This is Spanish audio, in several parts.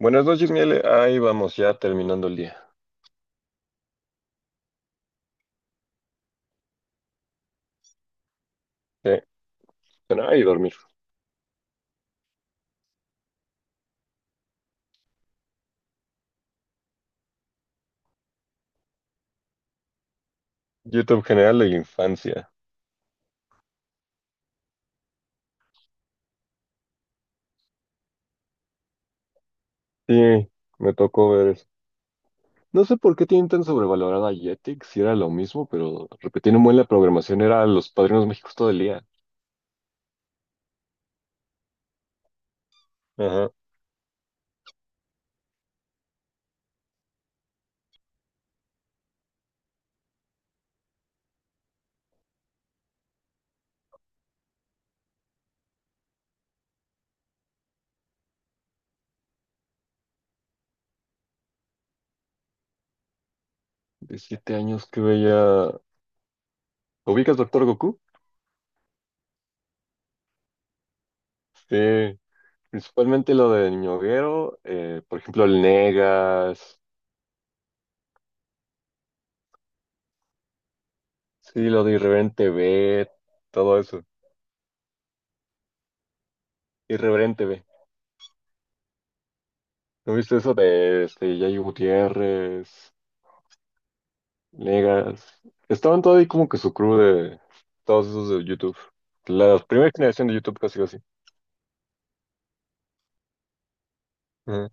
Buenas noches, Miele. Ahí vamos, ya terminando el día. Sí, cenar y dormir. YouTube general de la infancia. Sí, me tocó ver eso. No sé por qué tienen tan sobrevalorada a Jetix, si era lo mismo, pero repetir un buen la programación era Los Padrinos México todo el día. Ajá. De siete años que veía. ¿Ubicas Doctor Goku? Sí, principalmente lo de Ñoguero, por ejemplo, el Negas, sí, lo de Irreverente B, todo eso. Irreverente B. ¿No viste eso de este, Yayo Gutiérrez, Negas? Estaban todo ahí como que su crew de todos esos de YouTube. La primera generación de YouTube casi casi. Ajá,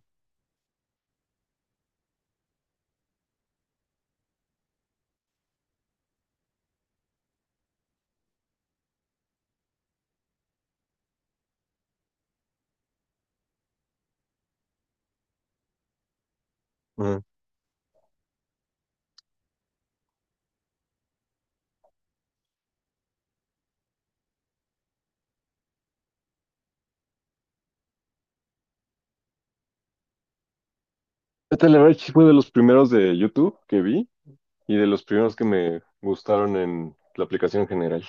ajá. Este, la verdad, sí fue de los primeros de YouTube que vi y de los primeros que me gustaron en la aplicación en general.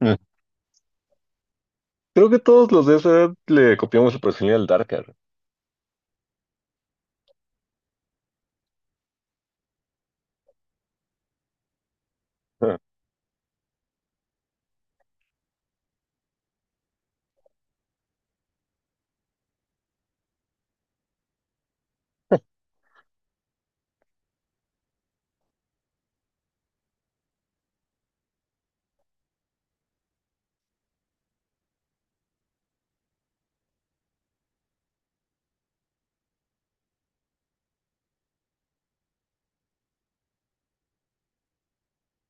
Ajá. Creo que todos los de esa edad le copiamos el personaje al Darker. Ajá.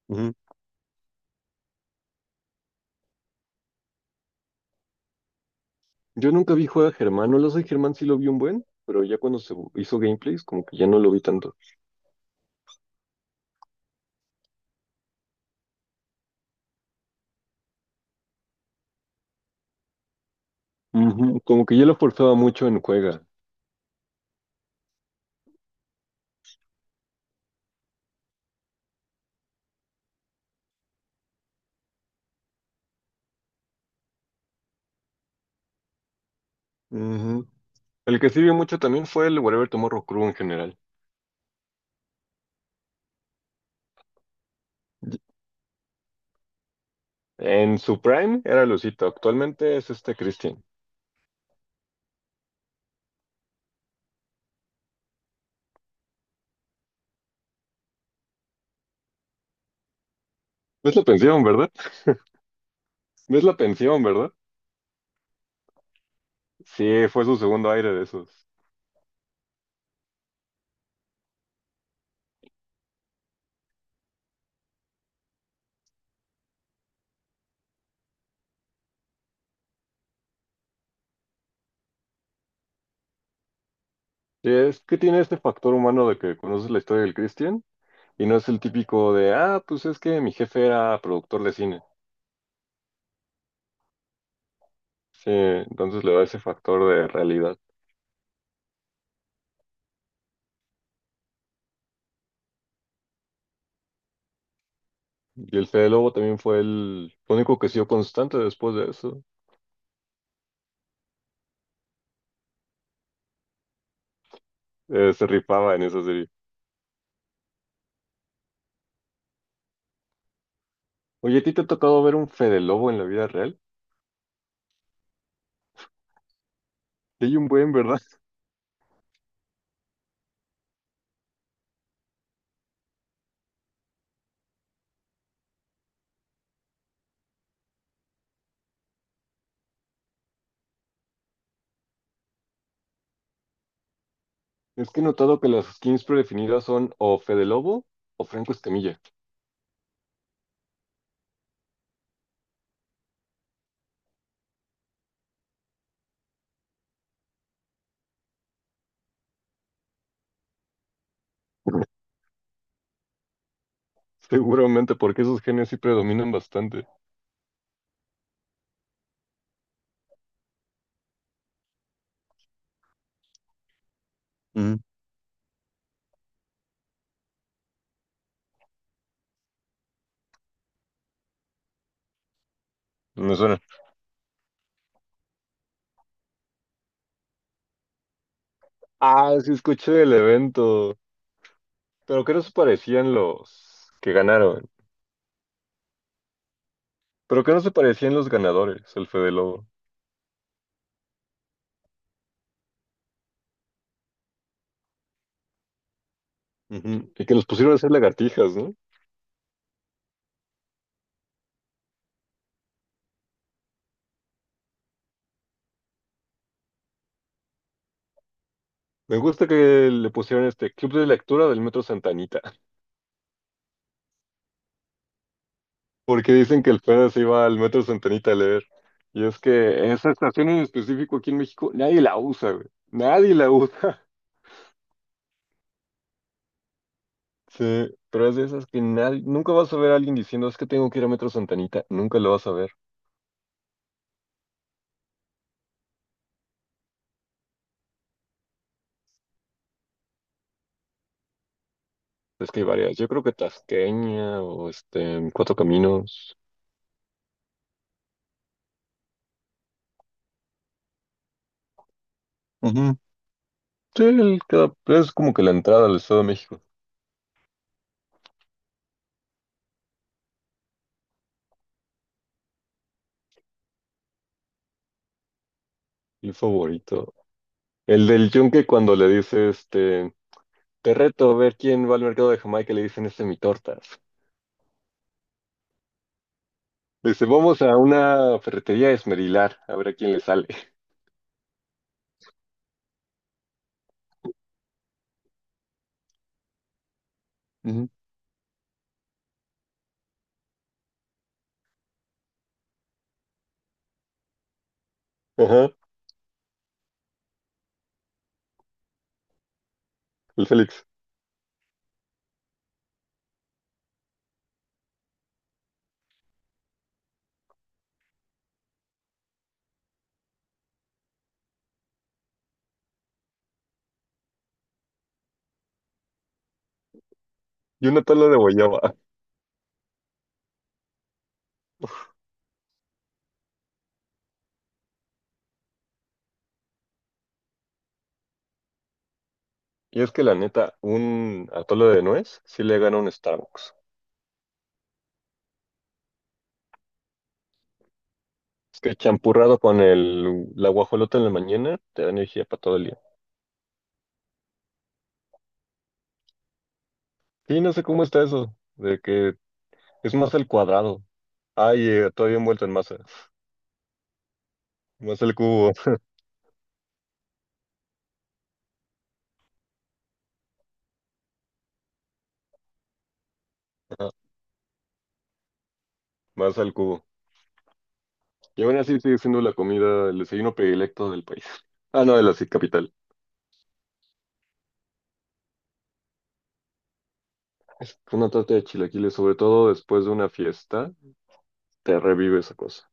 Ujú. Yo nunca vi juega Germán, no lo sé, Germán sí lo vi un buen, pero ya cuando se hizo gameplays como que ya no lo vi tanto. Ujú, como que yo lo forzaba mucho en Cuega. Ujú. El que sirvió mucho también fue el Whatever Tomorrow Crew en general. Y- En su prime era Lucito, actualmente es este Christian. ¿Ves la pensión, verdad? ¿Ves la pensión, verdad? Sí, fue su segundo aire de esos. Sí, es que tiene este factor humano de que conoces la historia del Christian y no es el típico de, ah, pues es que mi jefe era productor de cine. Sí, entonces le da ese factor de realidad. Y el Fede Lobo también fue el único que siguió constante después de eso. Se rifaba en esa serie. Oye, ¿a ti te ha tocado ver un Fede Lobo en la vida real? Sí, hay un buen, ¿verdad? Es que he notado que las skins predefinidas son o Fede Lobo o Franco Escamilla. Seguramente, porque esos genios sí predominan bastante. Mm. Me suena. Ah, sí, escuché del evento. Pero que no se parecían los que ganaron. Pero que no se parecían los ganadores, el Fede Lobo. Ujú. Y que los pusieron a hacer lagartijas, ¿no? Me gusta que le pusieron este club de lectura del Metro Santanita, porque dicen que el Fede se iba al Metro Centenita a leer. Y es que esa estación en específico aquí en México, nadie la usa, güey. Nadie la usa. Sí, pero es de esas que nadie, nunca vas a ver a alguien diciendo, es que tengo que ir a Metro Santanita, nunca lo vas a ver. Es que hay varias, yo creo que Tasqueña o este, Cuatro Caminos. Ujú. Sí, el es como que la entrada al Estado de México, mi favorito. El del yunque cuando le dice, este, te reto a ver quién va al mercado de Jamaica, le dicen, este, mi tortas. Dice, vamos a una ferretería a esmerilar, a ver a quién le sale. Ujú. Ajá, el Félix. Y una tala de guayaba. Y es que la neta, un atole de nuez sí le gana un Starbucks. Es que champurrado con el, la guajolota en la mañana te da energía para todo el día. Sí, no sé cómo está eso, de que es más al cuadrado. Ay, todavía envuelto en masa. Más al cubo, más al cubo. Y aún así sigue siendo la comida, el desayuno predilecto del país. Ah, no, de la sí, capital. Es que una torta de chilaquiles, sobre todo después de una fiesta, te revive esa cosa.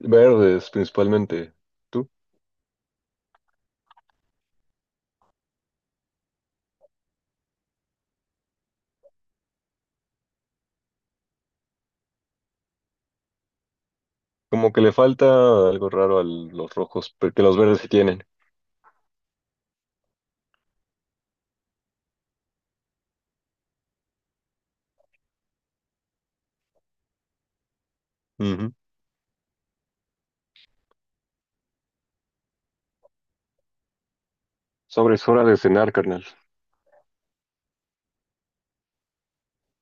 Verdes, principalmente. ¿Tú? Como que le falta algo raro a los rojos, porque los verdes sí tienen. Ujú. Es hora de cenar, carnal.